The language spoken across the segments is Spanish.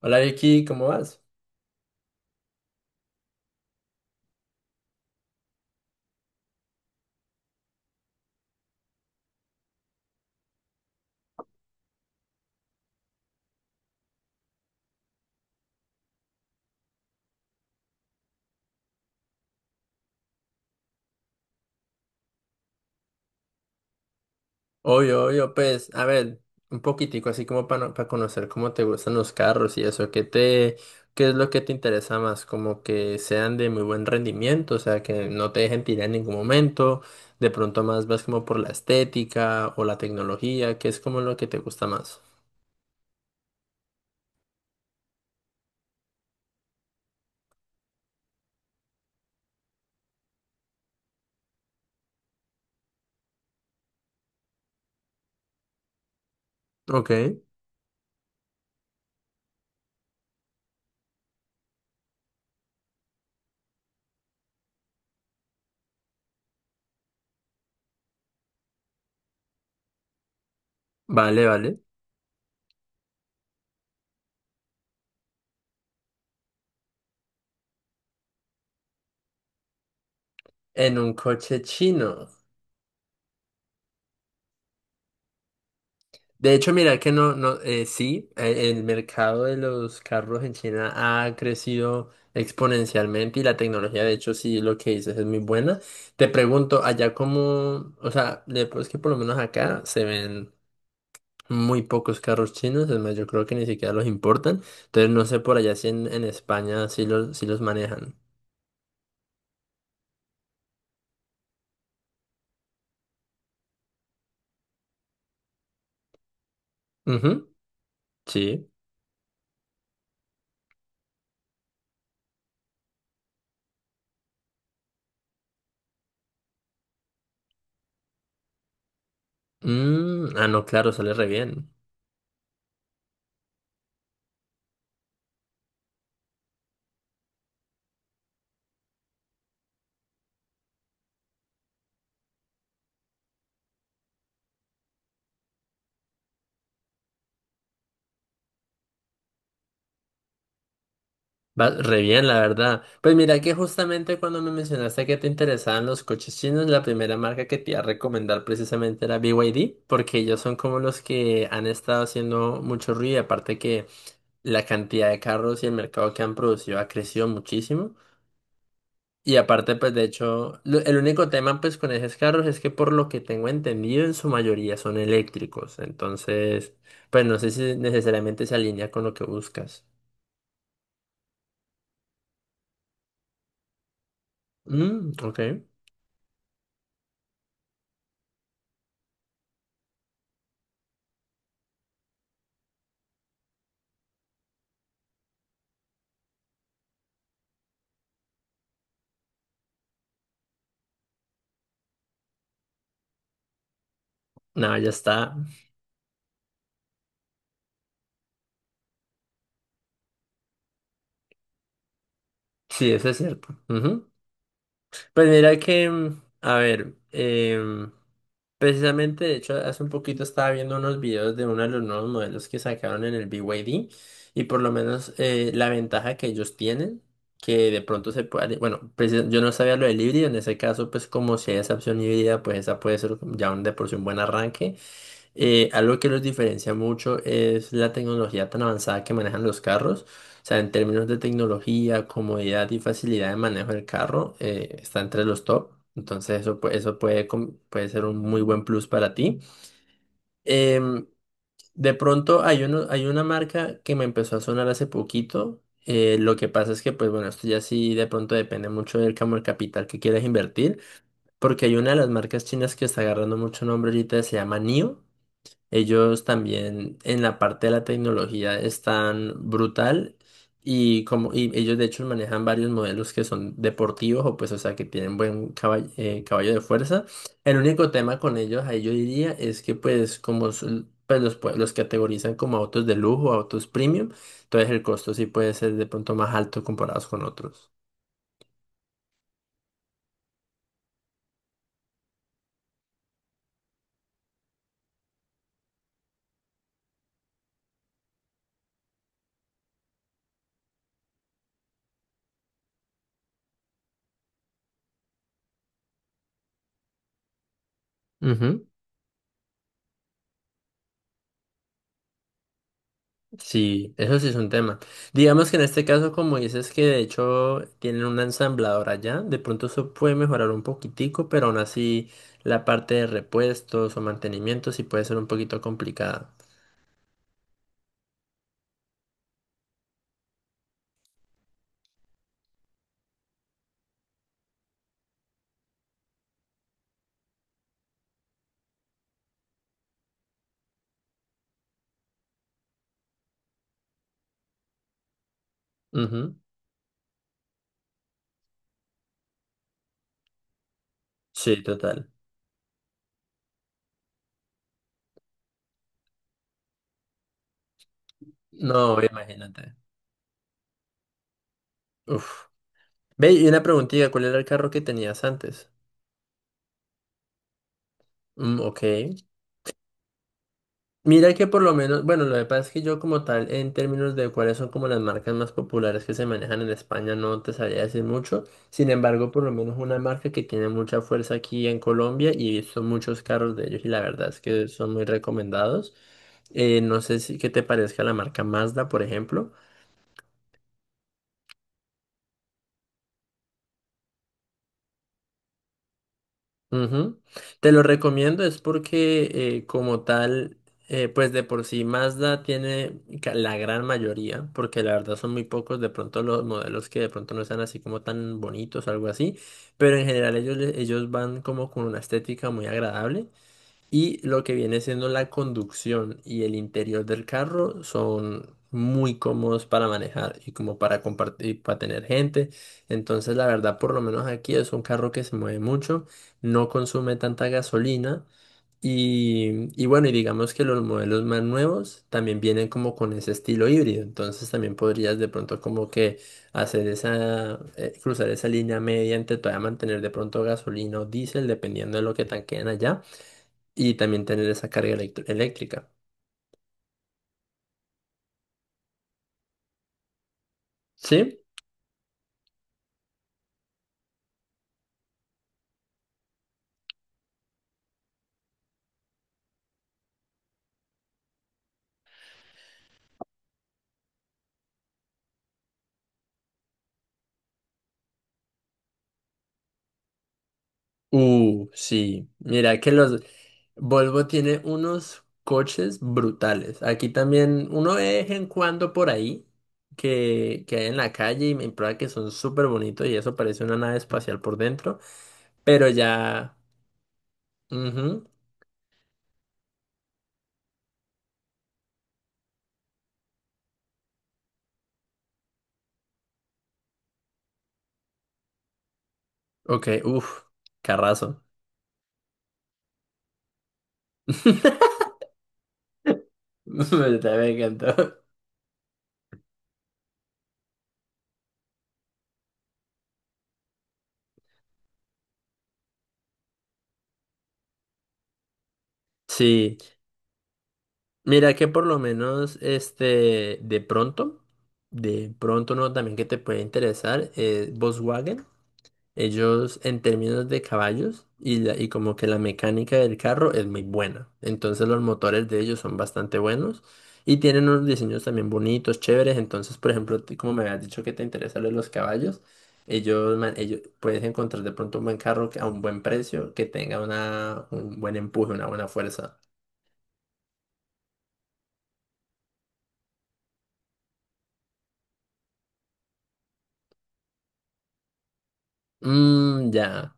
Hola Vicky, ¿cómo vas? Obvio, obvio, pues, a ver, un poquitico así como para conocer cómo te gustan los carros y eso, ¿qué es lo que te interesa más? Como que sean de muy buen rendimiento, o sea, que no te dejen tirar en ningún momento, de pronto más vas como por la estética o la tecnología, ¿qué es como lo que te gusta más? Ok, vale, vale. En un coche chino. De hecho, mira que no, no, sí, el mercado de los carros en China ha crecido exponencialmente y la tecnología, de hecho, sí, lo que dices es muy buena. Te pregunto, allá como, o sea, pues que por lo menos acá se ven muy pocos carros chinos, es más, yo creo que ni siquiera los importan. Entonces, no sé por allá si en España sí los manejan. Ujú, sí. Ah, no, claro, sale re bien. Va re bien, la verdad. Pues mira que justamente cuando me mencionaste que te interesaban los coches chinos, la primera marca que te iba a recomendar precisamente era BYD, porque ellos son como los que han estado haciendo mucho ruido, y aparte que la cantidad de carros y el mercado que han producido ha crecido muchísimo. Y aparte, pues de hecho, el único tema pues con esos carros es que por lo que tengo entendido, en su mayoría son eléctricos. Entonces, pues no sé si necesariamente se alinea con lo que buscas. Ok. No, ya está. Sí, eso es cierto. Ujú. Pues mira que, a ver, precisamente, de hecho, hace un poquito estaba viendo unos videos de uno de los nuevos modelos que sacaron en el BYD y D y por lo menos la ventaja que ellos tienen, que de pronto se puede, bueno, yo no sabía lo del híbrido, en ese caso, pues como si hay esa opción híbrida, pues esa puede ser ya un de por sí un buen arranque. Algo que los diferencia mucho es la tecnología tan avanzada que manejan los carros. O sea, en términos de tecnología, comodidad y facilidad de manejo del carro, está entre los top. Entonces, eso puede ser un muy buen plus para ti. Em, de pronto, hay una marca que me empezó a sonar hace poquito. Lo que pasa es que, pues bueno, esto ya sí de pronto depende mucho del camo el capital que quieras invertir, porque hay una de las marcas chinas que está agarrando mucho nombre ahorita, se llama NIO. Ellos también en la parte de la tecnología están brutal y ellos de hecho manejan varios modelos que son deportivos o sea que tienen caballo de fuerza. El único tema con ellos ahí yo diría es que pues, los categorizan como autos de lujo, autos premium, entonces el costo sí puede ser de pronto más alto comparados con otros. Sí, eso sí es un tema. Digamos que en este caso, como dices que de hecho tienen una ensambladora ya, de pronto eso puede mejorar un poquitico, pero aún así la parte de repuestos o mantenimiento sí puede ser un poquito complicada. Ujú. Sí, total. No, imagínate. Uf. Ve, y una preguntita, ¿cuál era el carro que tenías antes? Mm, ok. Mira que por lo menos, bueno, lo que pasa es que yo como tal, en términos de cuáles son como las marcas más populares que se manejan en España, no te sabría decir mucho. Sin embargo, por lo menos una marca que tiene mucha fuerza aquí en Colombia y he visto muchos carros de ellos y la verdad es que son muy recomendados. No sé si qué te parezca la marca Mazda, por ejemplo. Ujú. Te lo recomiendo es porque eh, como tal, pues de por sí Mazda tiene la gran mayoría, porque la verdad son muy pocos de pronto los modelos que de pronto no están así como tan bonitos o algo así, pero en general ellos van como con una estética muy agradable. Y lo que viene siendo la conducción y el interior del carro son muy cómodos para manejar y como para compartir, para tener gente. Entonces, la verdad, por lo menos aquí es un carro que se mueve mucho, no consume tanta gasolina. Y bueno, y digamos que los modelos más nuevos también vienen como con ese estilo híbrido, entonces también podrías de pronto como que hacer cruzar esa línea media entre todavía mantener de pronto gasolina o diésel, dependiendo de lo que tanqueen allá y también tener esa eléctrica. ¿Sí? Sí. Mira que los Volvo tiene unos coches brutales. Aquí también uno ve de vez en cuando por ahí que hay en la calle y me prueba que son súper bonitos y eso parece una nave espacial por dentro. Pero ya. Ujú. Ok, uff, carrazo. Me encantó. Sí. Mira que por lo menos, este, de pronto no, también que te puede interesar, Volkswagen, ellos en términos de y como que la mecánica del carro es muy buena. Entonces los motores de ellos son bastante buenos y tienen unos diseños también bonitos, chéveres. Entonces, por ejemplo, tú como me habías dicho que te interesan lo de los caballos, ellos puedes encontrar de pronto un buen a un buen precio que tenga un buen empuje, una buena fuerza. Mm, ya.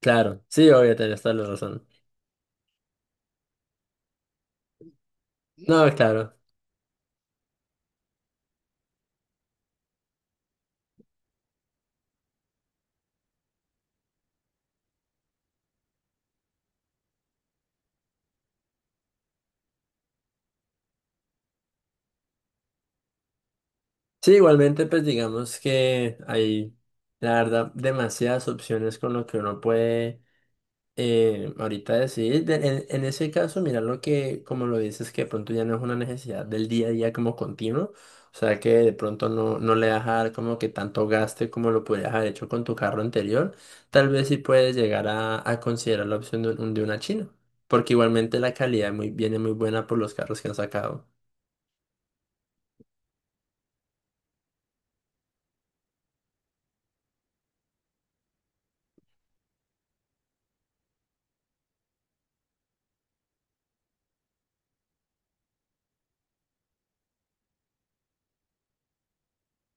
Claro, sí, obvio, tenés toda la razón. No, claro. Sí, igualmente, pues digamos que hay, la verdad, demasiadas opciones con lo que uno puede ahorita decidir. En ese caso, mira lo que, como lo dices, que de pronto ya no es una necesidad del día a día como continuo. O sea, que de pronto no, no le vas a dar como que tanto gaste como lo podrías haber hecho con tu carro anterior. Tal vez sí puedes llegar a considerar la opción de una China. Porque igualmente viene muy buena por los carros que han sacado.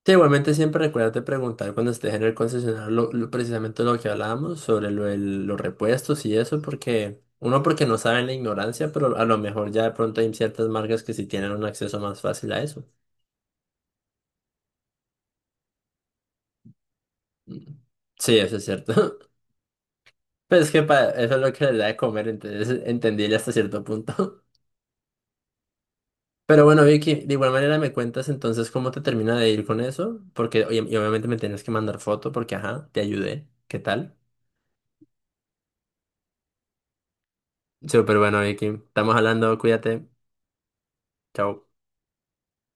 Sí, igualmente siempre recuérdate preguntar cuando estés en el concesionario precisamente lo que hablábamos sobre los repuestos y eso, porque uno porque no sabe en la ignorancia, pero a lo mejor ya de pronto hay ciertas marcas que sí tienen un acceso más fácil a eso. Mm. Sí, eso es cierto. Pero es que para eso es lo que le da de comer, entonces entendible hasta cierto punto. Pero bueno, Vicky, de igual manera me cuentas entonces cómo te termina de ir con eso, porque oye, y obviamente me tienes que mandar foto porque, ajá, te ayudé. ¿Qué tal? Súper bueno, Vicky. Estamos hablando, cuídate. Chao.